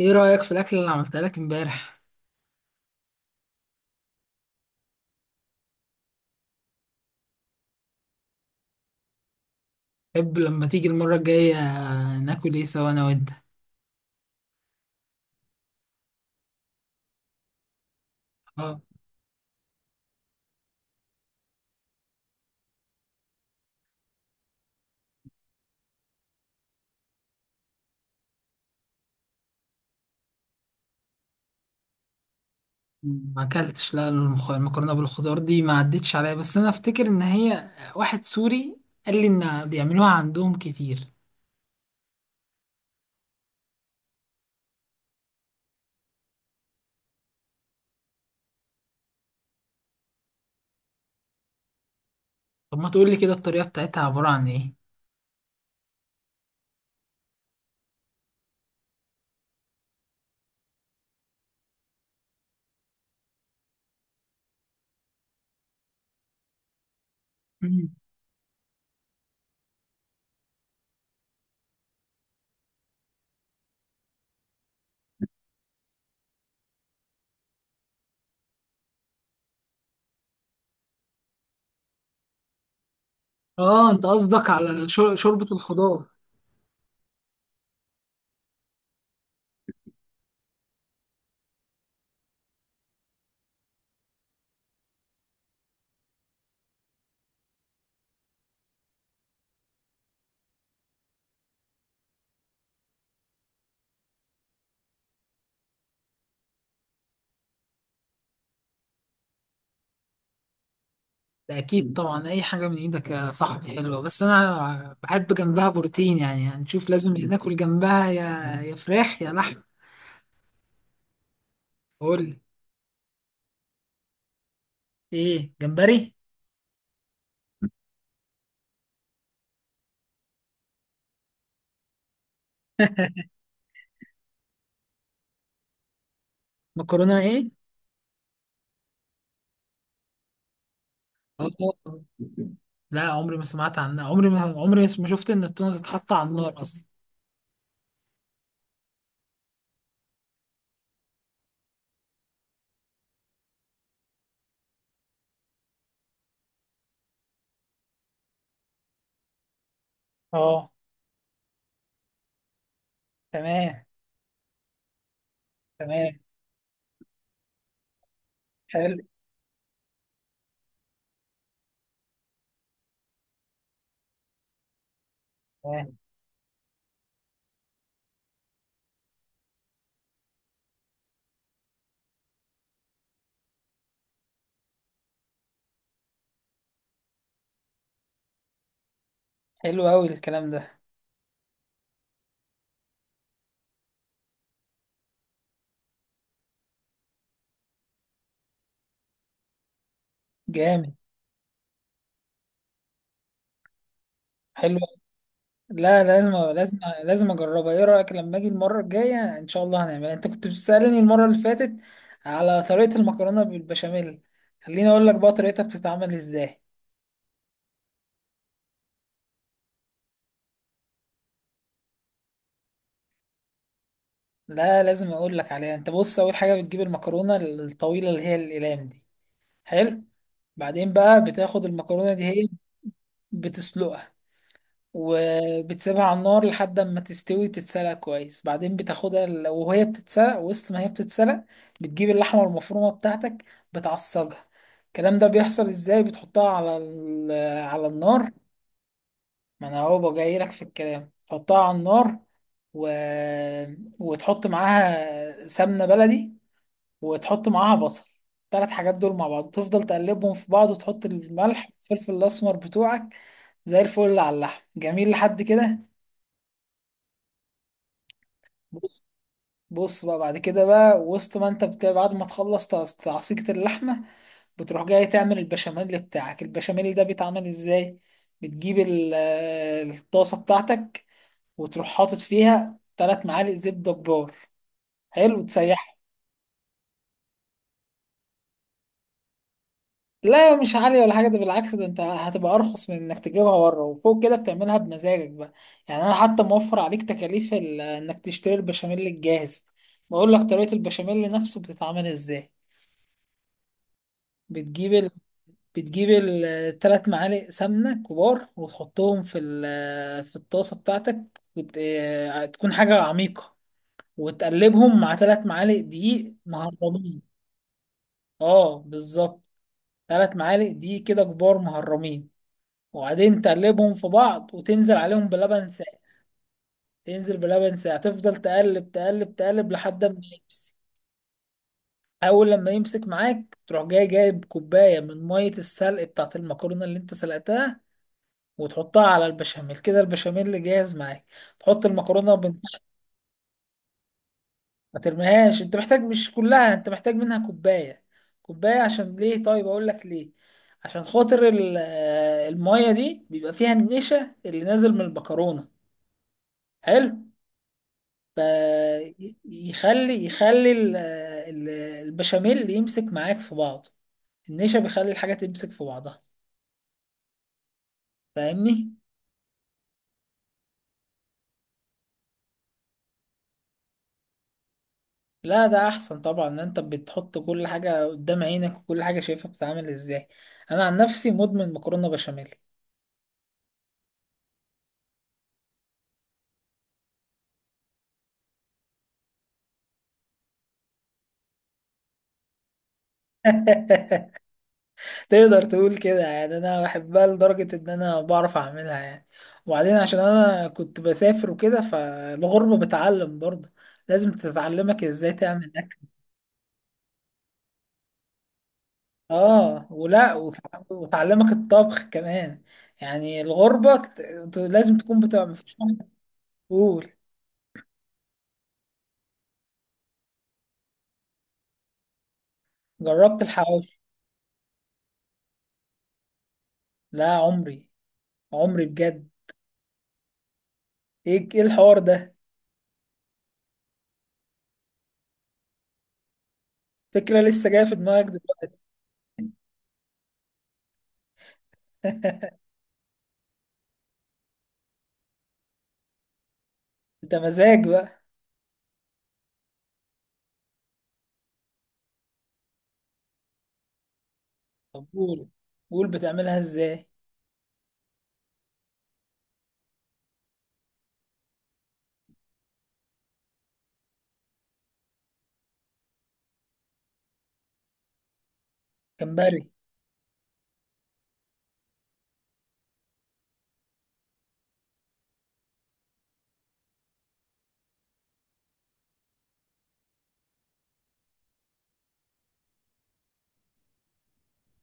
ايه رأيك في الأكلة اللي عملتها لك امبارح؟ حب لما تيجي المرة الجاية ناكل ايه سوا أنا وأنت؟ اه، ما أكلتش لا المكرونة بالخضار دي، ما عدتش عليا، بس أنا أفتكر إن هي واحد سوري قال لي إن بيعملوها عندهم كتير. طب ما تقولي كده الطريقة بتاعتها عبارة عن ايه؟ مم. اه، أنت قصدك على شوربة الخضار. ده أكيد طبعا، أي حاجة من إيدك يا صاحبي حلوة، بس أنا بحب جنبها بروتين، يعني هنشوف لازم ناكل جنبها يا يا فراخ يا لحم. قول. ايه، جمبري. مكرونه ايه؟ اه طبعاً. لا عمري ما سمعت عنها، عمري ما شفت ان التونة تتحط على النار اصلا. اه. تمام. تمام. حلو. تمام. حلو قوي الكلام ده. جامد. حلو أوي. لا، لازم لازم لازم اجربها، ايه رايك لما اجي المره الجايه ان شاء الله هنعملها. انت كنت بتسالني المره اللي فاتت على طريقه المكرونه بالبشاميل. خليني اقول لك بقى طريقتها بتتعمل ازاي. لا، لازم اقول لك عليها. انت بص، اول حاجه بتجيب المكرونه الطويله اللي هي الاقلام دي. حلو. بعدين بقى بتاخد المكرونة دي، هي بتسلقها، وبتسيبها على النار لحد ما تستوي وتتسلق كويس. بعدين بتاخدها وهي بتتسلق، وسط ما هي بتتسلق بتجيب اللحمة المفرومة بتاعتك، بتعصجها. الكلام ده بيحصل ازاي؟ بتحطها على على النار. ما انا اهو جاي لك في الكلام، تحطها على النار و... وتحط معاها سمنة بلدي، وتحط معاها بصل. التلات حاجات دول مع بعض تفضل تقلبهم في بعض، وتحط الملح والفلفل الأسمر بتوعك. زي الفل على اللحم، جميل لحد كده. بص. بص بقى، بعد كده بقى، وسط ما انت بعد ما تخلص تعصيجة اللحمة، بتروح جاي تعمل البشاميل بتاعك. البشاميل ده بيتعمل ازاي؟ بتجيب الطاسة بتاعتك، وتروح حاطط فيها تلات معالق زبدة كبار. حلو تسيح. لا مش عالية ولا حاجة، ده بالعكس، ده انت هتبقى ارخص من انك تجيبها بره، وفوق كده بتعملها بمزاجك بقى. يعني انا حتى موفر عليك تكاليف انك تشتري البشاميل الجاهز. بقول لك طريقة البشاميل نفسه بتتعمل ازاي. بتجيب ال... بتجيب الثلاث معالق سمنة كبار وتحطهم في في الطاسة بتاعتك، وت... اه، تكون حاجة عميقة. وتقلبهم مع ثلاث معالق دقيق مهرمين. اه بالظبط. ثلاث معالق دقيق كده كبار مهرمين. وبعدين تقلبهم في بعض وتنزل عليهم بلبن ساقع. تنزل بلبن ساقع، تفضل تقلب تقلب تقلب لحد ما يمسك. اول لما يمسك معاك تروح جاي جايب كوبايه من ميه السلق بتاعت المكرونه اللي انت سلقتها، وتحطها على البشاميل كده، البشاميل اللي جاهز معاك. تحط المكرونه من تحت. ما ترميهاش، انت محتاج مش كلها، انت محتاج منها كوبايه. كوبايه عشان ليه؟ طيب اقول لك ليه. عشان خاطر الميه دي بيبقى فيها النشا اللي نازل من المكرونه. حلو. فيخلي البشاميل يمسك معاك في بعض. النشا بيخلي الحاجة تمسك في بعضها. فاهمني؟ لا ده أحسن طبعا، إن أنت بتحط كل حاجة قدام عينك وكل حاجة شايفها بتتعمل إزاي. أنا عن نفسي مدمن مكرونة بشاميل. تقدر تقول كده، يعني أنا بحبها لدرجة إن أنا بعرف أعملها يعني. وبعدين عشان أنا كنت بسافر وكده، فالغربة بتعلم برضه. لازم تتعلمك إزاي تعمل. اه ولا وتعلمك الطبخ كمان. يعني الغربة لازم تكون، بتبقى مفيش واحد. قول. جربت الحواوشي. لا عمري. عمري بجد. ايه الحوار ده؟ فكرة لسه جاية في دماغك دلوقتي. انت مزاج بقى. طب قول. قول بتعملها ازاي. جمبري.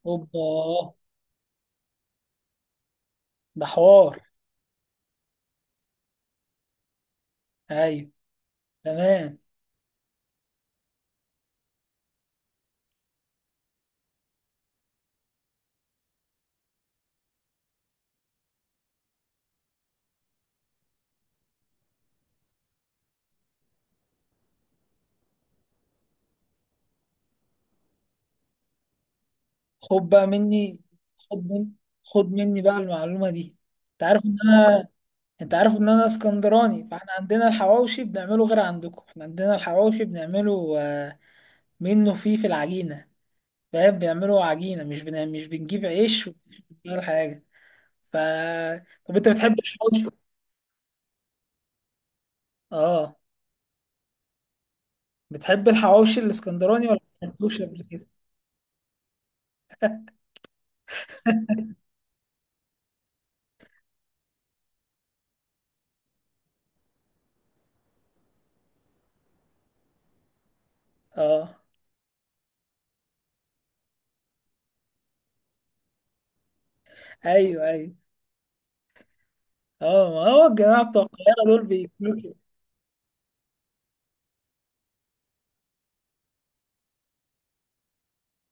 اوبا. ده حوار. ايوه. تمام. خد بقى مني. خد مني. خد مني بقى المعلومة دي. انت عارف ان انا، انت عارف ان انا اسكندراني، فاحنا عندنا الحواوشي بنعمله غير عندكم. احنا عندنا الحواوشي بنعمله منه فيه في العجينه. فاهم، بنعمله عجينه، مش مش بنجيب عيش ولا حاجه. ف طب انت بتحب الحواوشي؟ اه، بتحب الحواوشي الاسكندراني ولا ما عملتوش قبل كده؟ اه. ايوه ايوه. اه ما هو الجماعه بتوع القاهره دول بياكلوا كده.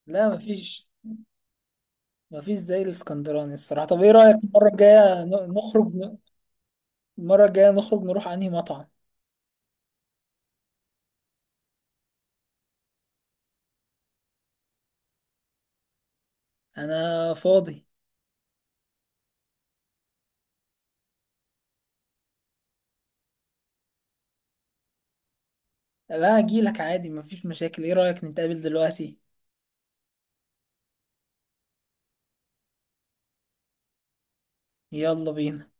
لا مفيش، مفيش زي الاسكندراني الصراحه. طب ايه رايك المره الجايه نخرج المره الجايه نخرج نروح انهي مطعم؟ انا فاضي. لا اجيلك عادي مفيش مشاكل، ايه رأيك نتقابل دلوقتي؟ يلا بينا.